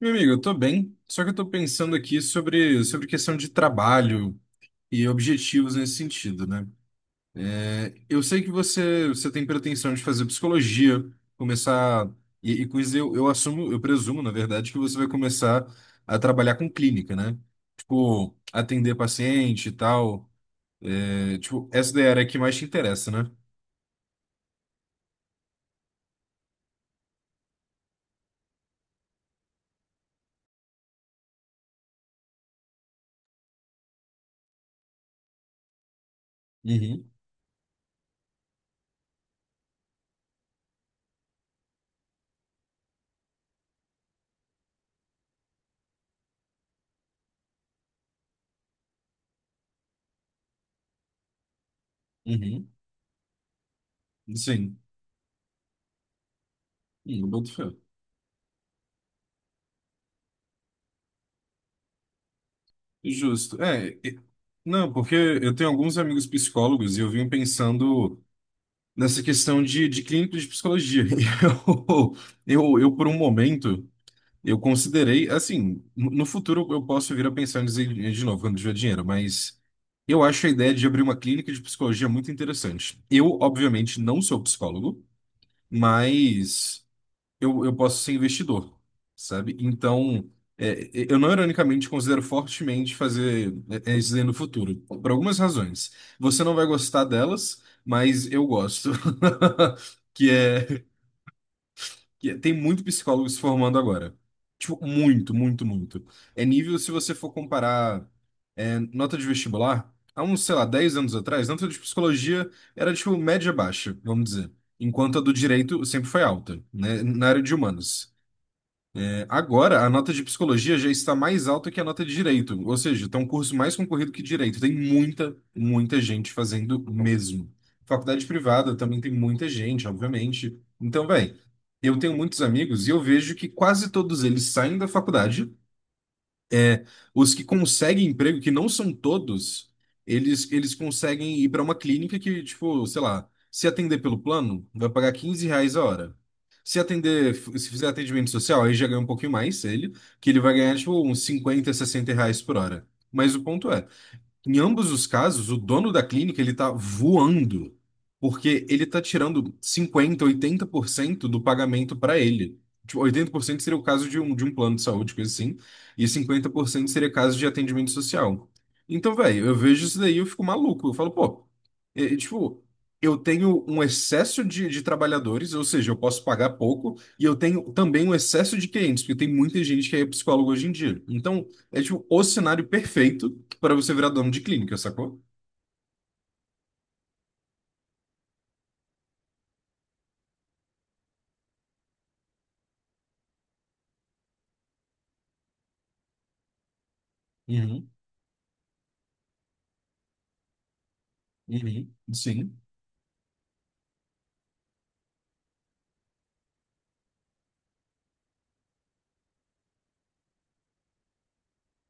Meu amigo, eu tô bem, só que eu tô pensando aqui sobre questão de trabalho e objetivos nesse sentido, né? É, eu sei que você tem pretensão de fazer psicologia, começar, e com isso eu assumo, eu presumo, na verdade, que você vai começar a trabalhar com clínica, né? Tipo, atender paciente e tal. É, tipo, essa daí é a área que mais te interessa, né? Uhum, uhum, sim. Eu boto fé. Justo. É, não, porque eu tenho alguns amigos psicólogos e eu vim pensando nessa questão de clínica de psicologia. E eu, por um momento, eu considerei, assim, no futuro eu posso vir a pensar em dizer de novo quando tiver dinheiro, mas eu acho a ideia de abrir uma clínica de psicologia muito interessante. Eu, obviamente, não sou psicólogo, mas eu posso ser investidor, sabe? Então, eu não ironicamente considero fortemente fazer isso aí no futuro, por algumas razões. Você não vai gostar delas, mas eu gosto. Que é, tem muito psicólogo se formando agora. Tipo, muito, muito, muito. É nível se você for comparar nota de vestibular, há uns, sei lá, 10 anos atrás, nota de psicologia era tipo média baixa, vamos dizer. Enquanto a do direito sempre foi alta, né? Na área de humanos. É, agora, a nota de psicologia já está mais alta que a nota de direito, ou seja, está um curso mais concorrido que direito. Tem muita, muita gente fazendo mesmo. Faculdade privada também tem muita gente, obviamente. Então, velho, eu tenho muitos amigos e eu vejo que quase todos eles saem da faculdade, é, os que conseguem emprego, que não são todos, eles conseguem ir para uma clínica que, tipo, sei lá, se atender pelo plano, vai pagar R$ 15 a hora. Se atender, se fizer atendimento social, aí já ganha um pouquinho mais ele, que ele vai ganhar, tipo, uns 50, 60 reais por hora. Mas o ponto é em ambos os casos, o dono da clínica ele está voando, porque ele está tirando 50, 80% do pagamento para ele. Tipo, 80% seria o caso de um plano de saúde, coisa assim, e 50% seria caso de atendimento social. Então, velho, eu vejo isso daí e eu fico maluco. Eu falo, pô, tipo, eu tenho um excesso de trabalhadores, ou seja, eu posso pagar pouco, e eu tenho também um excesso de clientes, porque tem muita gente que é psicólogo hoje em dia. Então, é tipo o cenário perfeito para você virar dono de clínica, sacou? Uhum, uhum, sim.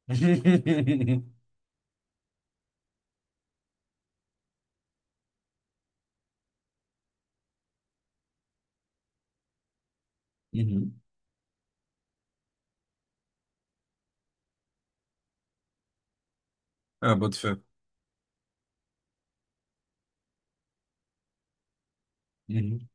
Uhum. Ah, boto fé. Uhum,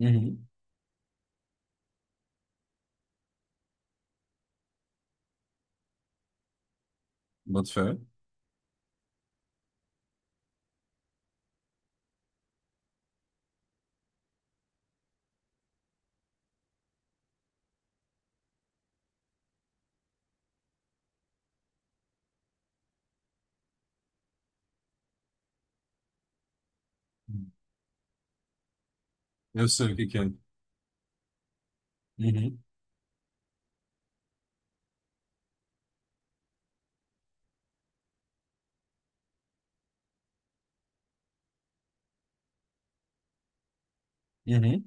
uhum, boto fé. Eu sei o que que é. Uhum, uhum,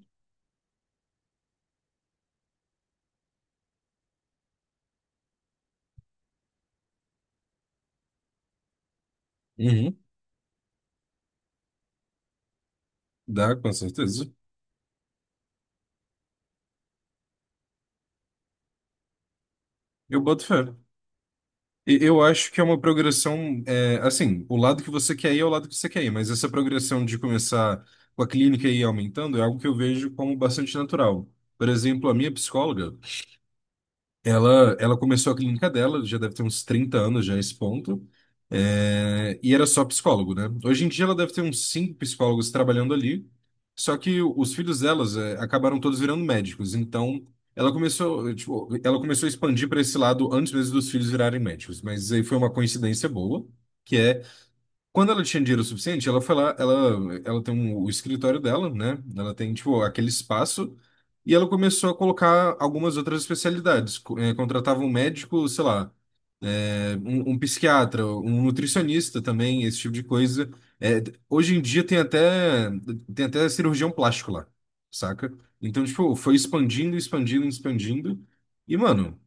uhum. Dá, com certeza. Eu boto fé. Eu acho que é uma progressão, é, assim, o lado que você quer ir é o lado que você quer ir, mas essa progressão de começar com a clínica e ir aumentando é algo que eu vejo como bastante natural. Por exemplo, a minha psicóloga, ela começou a clínica dela, já deve ter uns 30 anos já a esse ponto, é, e era só psicólogo, né? Hoje em dia ela deve ter uns cinco psicólogos trabalhando ali, só que os filhos delas, acabaram todos virando médicos, então ela começou, tipo, ela começou a expandir para esse lado antes mesmo dos filhos virarem médicos, mas aí foi uma coincidência boa, que é quando ela tinha dinheiro suficiente, ela foi lá, ela, ela tem o escritório dela, né? Ela tem, tipo, aquele espaço e ela começou a colocar algumas outras especialidades. Contratava um médico, sei lá, um psiquiatra, um nutricionista também, esse tipo de coisa. Eh, hoje em dia tem até cirurgião plástico lá, saca? Então, tipo, foi expandindo, expandindo, expandindo. E, mano,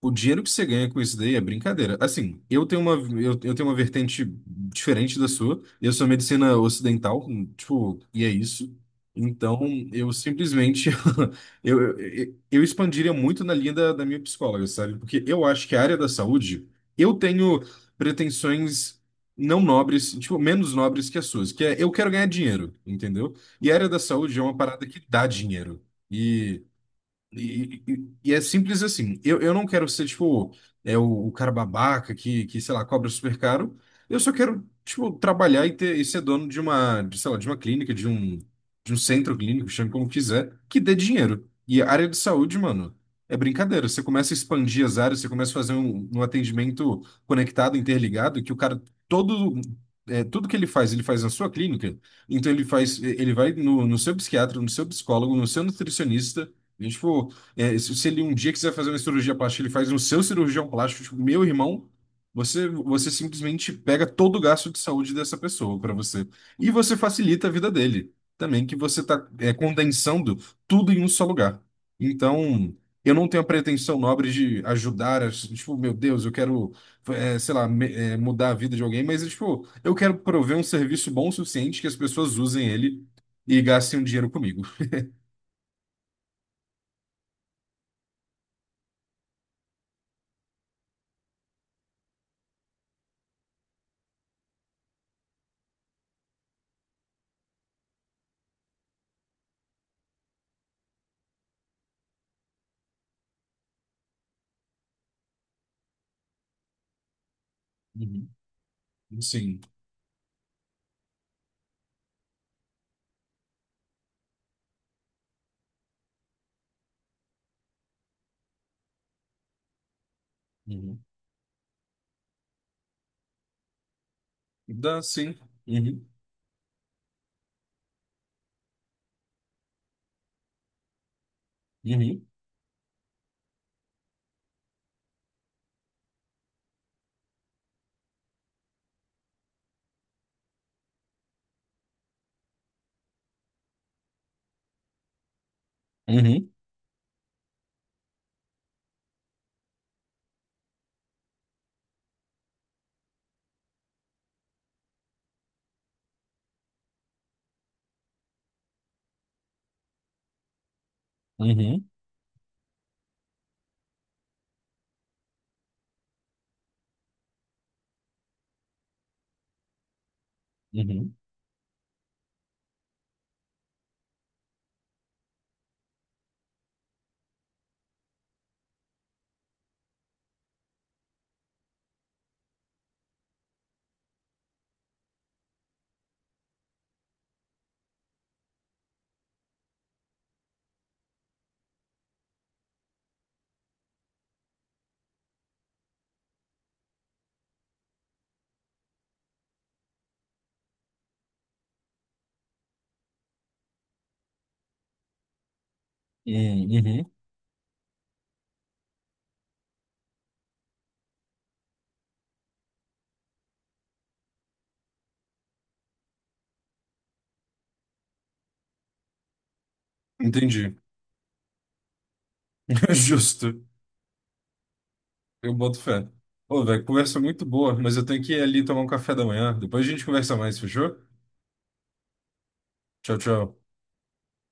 o dinheiro que você ganha com isso daí é brincadeira. Assim, eu tenho uma vertente diferente da sua. Eu sou medicina ocidental, tipo, e é isso. Então, eu simplesmente eu expandiria muito na linha da minha psicóloga, sabe? Porque eu acho que a área da saúde, eu tenho pretensões não nobres, tipo, menos nobres que as suas, que é eu quero ganhar dinheiro, entendeu? E a área da saúde é uma parada que dá dinheiro. e e é simples assim. Eu não quero ser, tipo, é o cara babaca que sei lá, cobra super caro. Eu só quero, tipo, trabalhar e ter, e ser dono de uma, de, sei lá, de uma clínica, de um centro clínico, chame como quiser, que dê dinheiro. E a área de saúde, mano, é brincadeira. Você começa a expandir as áreas, você começa a fazer um atendimento conectado, interligado, que o cara todo. É, tudo que ele faz na sua clínica. Então ele faz, ele vai no seu psiquiatra, no seu psicólogo, no seu nutricionista. E, tipo, se ele um dia quiser fazer uma cirurgia plástica, ele faz no seu cirurgião plástico, tipo, meu irmão, você simplesmente pega todo o gasto de saúde dessa pessoa para você. E você facilita a vida dele também, que você tá, condensando tudo em um só lugar. Então, eu não tenho a pretensão nobre de ajudar, tipo, meu Deus, eu quero, sei lá, mudar a vida de alguém, mas, tipo, eu quero prover um serviço bom o suficiente que as pessoas usem ele e gastem um dinheiro comigo. Uhum. Sim. Dá sim. Uhum. Uhum. Uhum. Uhum. Uhum. Uhum. Uhum. Entendi. Justo. Eu boto fé. Ô, velho, conversa muito boa, mas eu tenho que ir ali tomar um café da manhã. Depois a gente conversa mais, fechou? Tchau, tchau.